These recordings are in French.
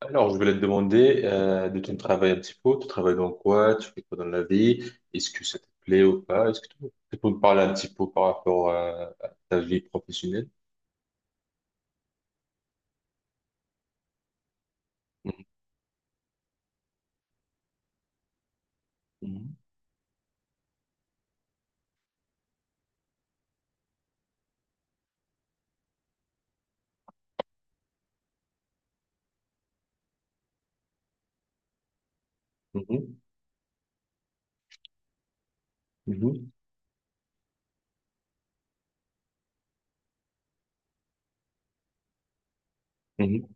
Alors, je voulais te demander de ton travail un petit peu. Tu travailles dans quoi? Tu fais quoi dans la vie? Est-ce que ça te plaît ou pas? Est-ce que tu peux me parler un petit peu par rapport à ta vie professionnelle? Mhm, mhm, mhm, mhm.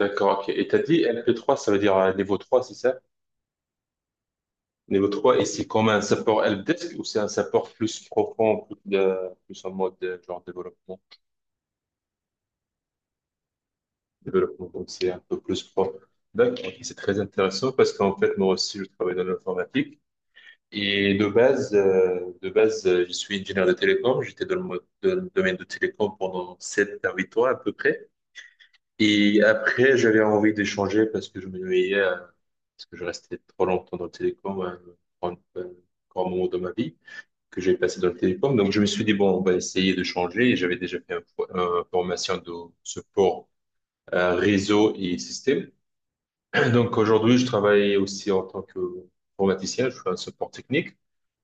D'accord, ok. Et t'as dit lp trois, ça veut dire niveau 3, c'est ça? Niveau 3 et c'est comme un support helpdesk ou c'est un support plus profond, plus en mode genre développement? Développement, donc c'est un peu plus profond. D'accord, ok, c'est très intéressant parce qu'en fait, moi aussi, je travaille dans l'informatique. Et de base, je suis ingénieur de télécom. J'étais dans le domaine de télécom pendant 7 à 8 ans à peu près. Et après, j'avais envie de changer parce que je me voyais, parce que je restais trop longtemps dans le télécom, un grand moment de ma vie que j'ai passé dans le télécom. Donc, je me suis dit, bon, on va essayer de changer. Et j'avais déjà fait une formation de support réseau et système. Donc aujourd'hui, je travaille aussi en tant qu'informaticien, je suis un support technique,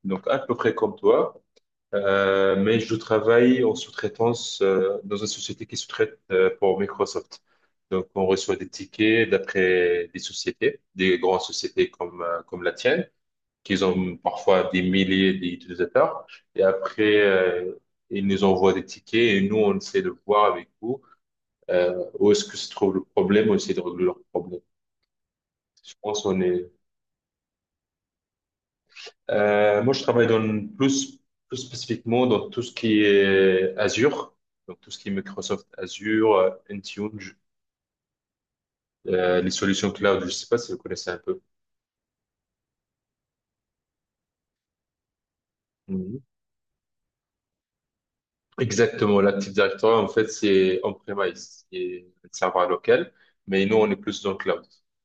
donc à peu près comme toi. Mais je travaille en sous-traitance dans une société qui sous-traite pour Microsoft. Donc on reçoit des tickets d'après des sociétés, des grandes sociétés comme la tienne, qui ont parfois des milliers d'utilisateurs, et après ils nous envoient des tickets et nous on essaie de voir avec vous, où est-ce que se trouve le problème, on essaie de régler leur problème. Je pense qu'on est. Moi, je travaille plus, plus spécifiquement dans tout ce qui est Azure, donc tout ce qui est Microsoft Azure, Intune, les solutions cloud. Je ne sais pas si vous connaissez un peu. Mhm. Exactement, l'Active Directory, en fait, c'est on-premise, c'est un serveur local, mais nous, on est plus dans le cloud.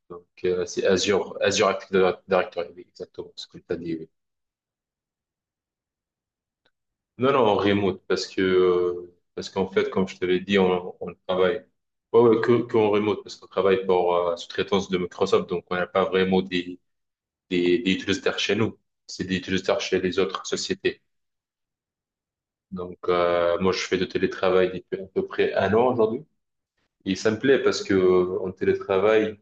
Donc, c'est Azure, Azure Active Directory, oui, exactement ce que tu as dit. Oui. Non, non, en remote, parce que, parce qu'en fait, comme je te l'ai dit, on travaille. Ouais, ouais, que en remote, parce qu'on travaille pour sous-traitance de Microsoft, donc on n'a pas vraiment des utilisateurs chez nous. C'est des utilisateurs chez les autres sociétés. Donc, moi, je fais de télétravail depuis à peu près un an aujourd'hui. Et ça me plaît parce que en télétravail,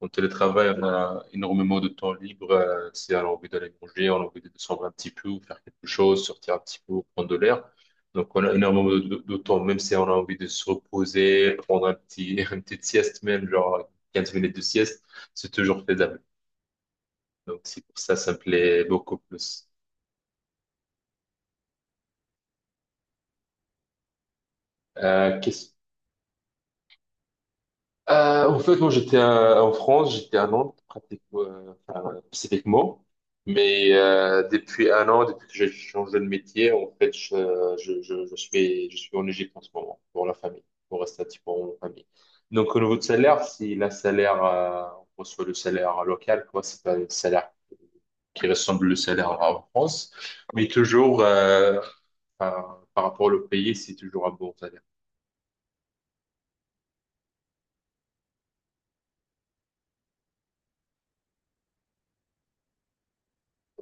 on télétravaille, on a énormément de temps libre. Si on a envie d'aller manger, on a envie de descendre un petit peu, ou faire quelque chose, sortir un petit peu, prendre de l'air. Donc, on a énormément de temps, même si on a envie de se reposer, prendre une petite sieste, même genre 15 minutes de sieste, c'est toujours faisable. Donc, c'est pour ça, ça me plaît beaucoup plus. Qu'est-ce En fait, moi, j'étais en France, j'étais à Nantes, pratiquement, enfin, spécifiquement. Mais depuis un an, depuis que j'ai changé de métier, en fait, je suis en Égypte en ce moment, pour la famille, pour rester un petit peu en famille. Donc, au niveau de salaire, si la salaire, on reçoit le salaire local, quoi, c'est pas le salaire qui ressemble au salaire en France, mais toujours, par rapport au pays, c'est toujours un bon salaire.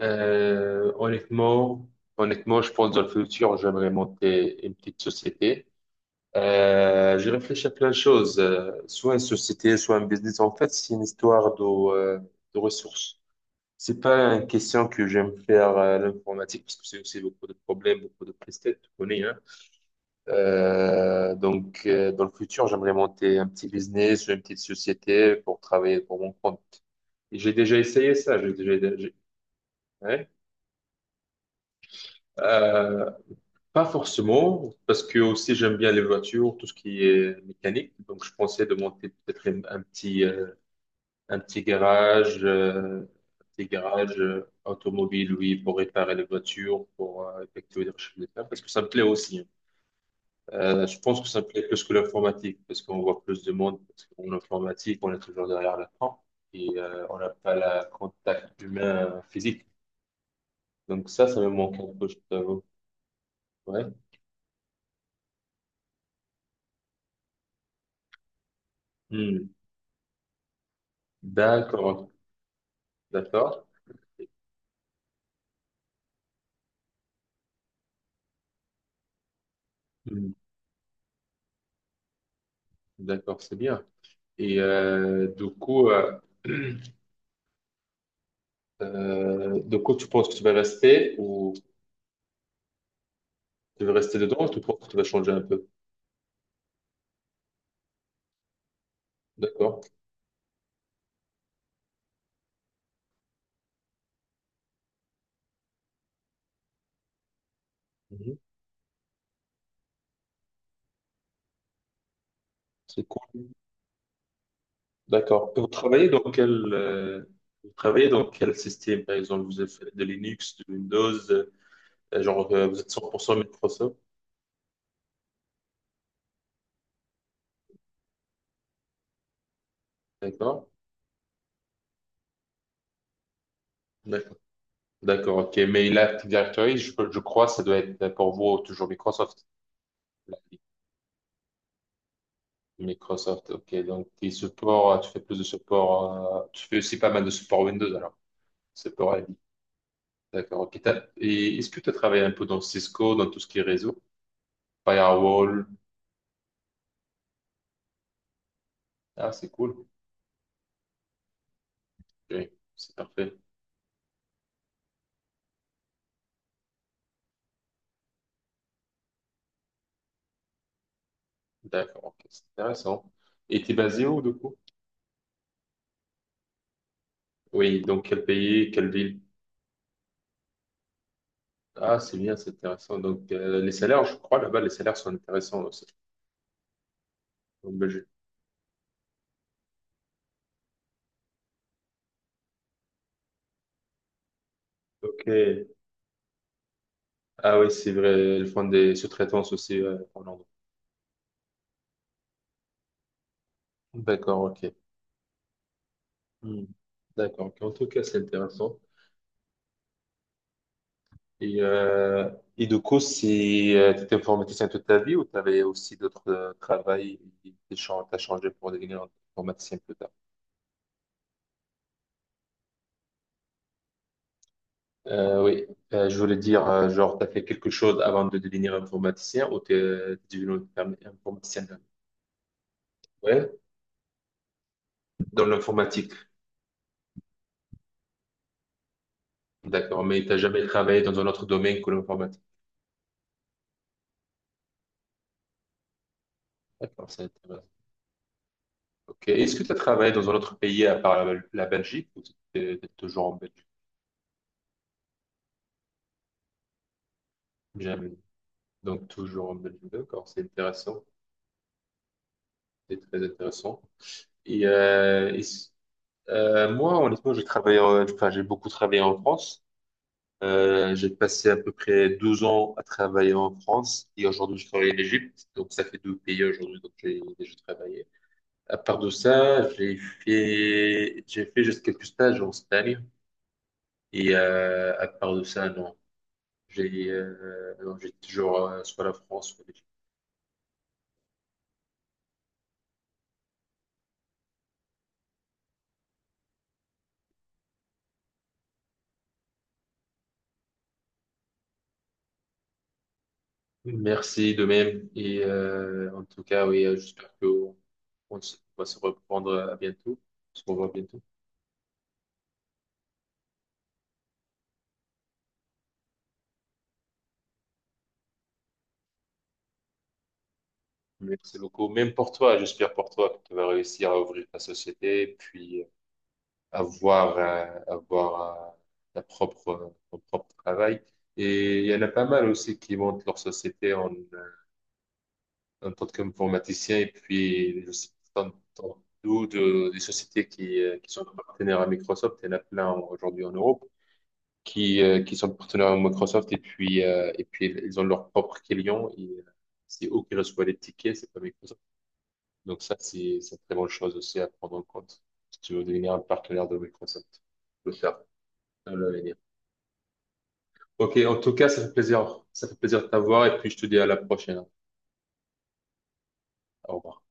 Euh, honnêtement, Honnêtement, je pense dans le futur, j'aimerais monter une petite société. J'ai réfléchi à plein de choses, soit une société, soit un business. En fait, c'est une histoire de ressources. C'est pas une question que j'aime faire l'informatique parce que c'est aussi beaucoup de problèmes, beaucoup de presse-tête, tu connais, hein. Donc, dans le futur, j'aimerais monter un petit business ou une petite société pour travailler pour mon compte. Et j'ai déjà essayé ça. Ouais. Euh, Pas forcément, parce que aussi j'aime bien les voitures, tout ce qui est mécanique. Donc je pensais de monter peut-être un petit garage, euh, un petit garage automobile, oui, pour réparer les voitures, pour effectuer des recherches de terrain, parce que ça me plaît aussi, hein. Je pense que ça me plaît plus que l'informatique, parce qu'on voit plus de monde. Parce qu'en informatique, on est toujours derrière l'écran et on n'a pas le contact humain physique. Donc ça me manque un peu, je t'avoue. Ouais. Hmm. D'accord, d'accord. Hmm. D'accord, c'est bien. Et du coup, tu penses que tu vas rester ou tu veux rester dedans ou tu penses que tu vas changer un peu? D'accord. Mhm. C'est cool. D'accord. Et vous travaillez dans quel système, par exemple? Vous avez fait de Linux, de Windows, vous êtes 100% Microsoft? D'accord. D'accord. D'accord, ok. Mais l'Active Directory, je crois, ça doit être pour vous toujours Microsoft. Microsoft, ok. Donc, tes supports, tu fais plus de support, tu fais aussi pas mal de support Windows, alors. Support à vie. D'accord, ok. Et est-ce que tu as travaillé un peu dans Cisco, dans tout ce qui est réseau? Firewall. Ah, c'est cool. Oui, c'est parfait. D'accord, ok. C'est intéressant. Et t'es basé où, du coup? Oui, donc quel pays, quelle ville? Ah, c'est bien, c'est intéressant. Donc, les salaires, je crois, là-bas, les salaires sont intéressants aussi, en Belgique. Ok. Ah oui, c'est vrai, ils font des sous-traitances aussi, en Hollande. D'accord, ok. Hmm. D'accord. En tout cas, c'est intéressant. Et, euh, et du coup, si tu étais informaticien toute ta vie ou tu avais aussi d'autres travails et t'as changé pour devenir informaticien plus tard? Oui, je voulais dire, genre, tu as fait quelque chose avant de devenir informaticien ou tu es devenu informaticien ouais, dans l'informatique. D'accord, mais tu n'as jamais travaillé dans un autre domaine que l'informatique. D'accord, c'est intéressant. Ok. Est-ce que tu as travaillé dans un autre pays à part la Belgique ou tu es toujours en Belgique? Jamais. Donc, toujours en Belgique, d'accord, c'est intéressant, c'est très intéressant. Et, euh, et s- Moi, honnêtement, j'ai travaillé, enfin, j'ai beaucoup travaillé en France. J'ai passé à peu près 12 ans à travailler en France et aujourd'hui, je travaille en Égypte. Donc, ça fait deux pays aujourd'hui, donc j'ai déjà travaillé. À part de ça, j'ai fait juste quelques stages en Espagne. Et à part de ça, non, j'ai non, j'ai toujours soit la France, soit l'Égypte. Merci de même. Et en tout cas, oui, j'espère qu'on on se- on va se reprendre à bientôt. On se revoit bientôt. Merci beaucoup. Même pour toi, j'espère pour toi que tu vas réussir à ouvrir ta société, puis avoir ton propre travail. Et il y en a pas mal aussi qui montent leur société en tant qu'informaticien. Et puis, je sais pas, t'entends d'où des sociétés qui sont partenaires à Microsoft. Il y en a plein aujourd'hui en Europe, qui sont partenaires à Microsoft et puis, ils ont leur propre client et c'est eux qui reçoivent les tickets, c'est pas Microsoft. Donc ça, c'est une très bonne chose aussi à prendre en compte. Si tu veux devenir un partenaire de Microsoft, tu peux le faire dans l'avenir. Ok, en tout cas, ça fait plaisir. Ça fait plaisir de t'avoir et puis je te dis à la prochaine. Au revoir.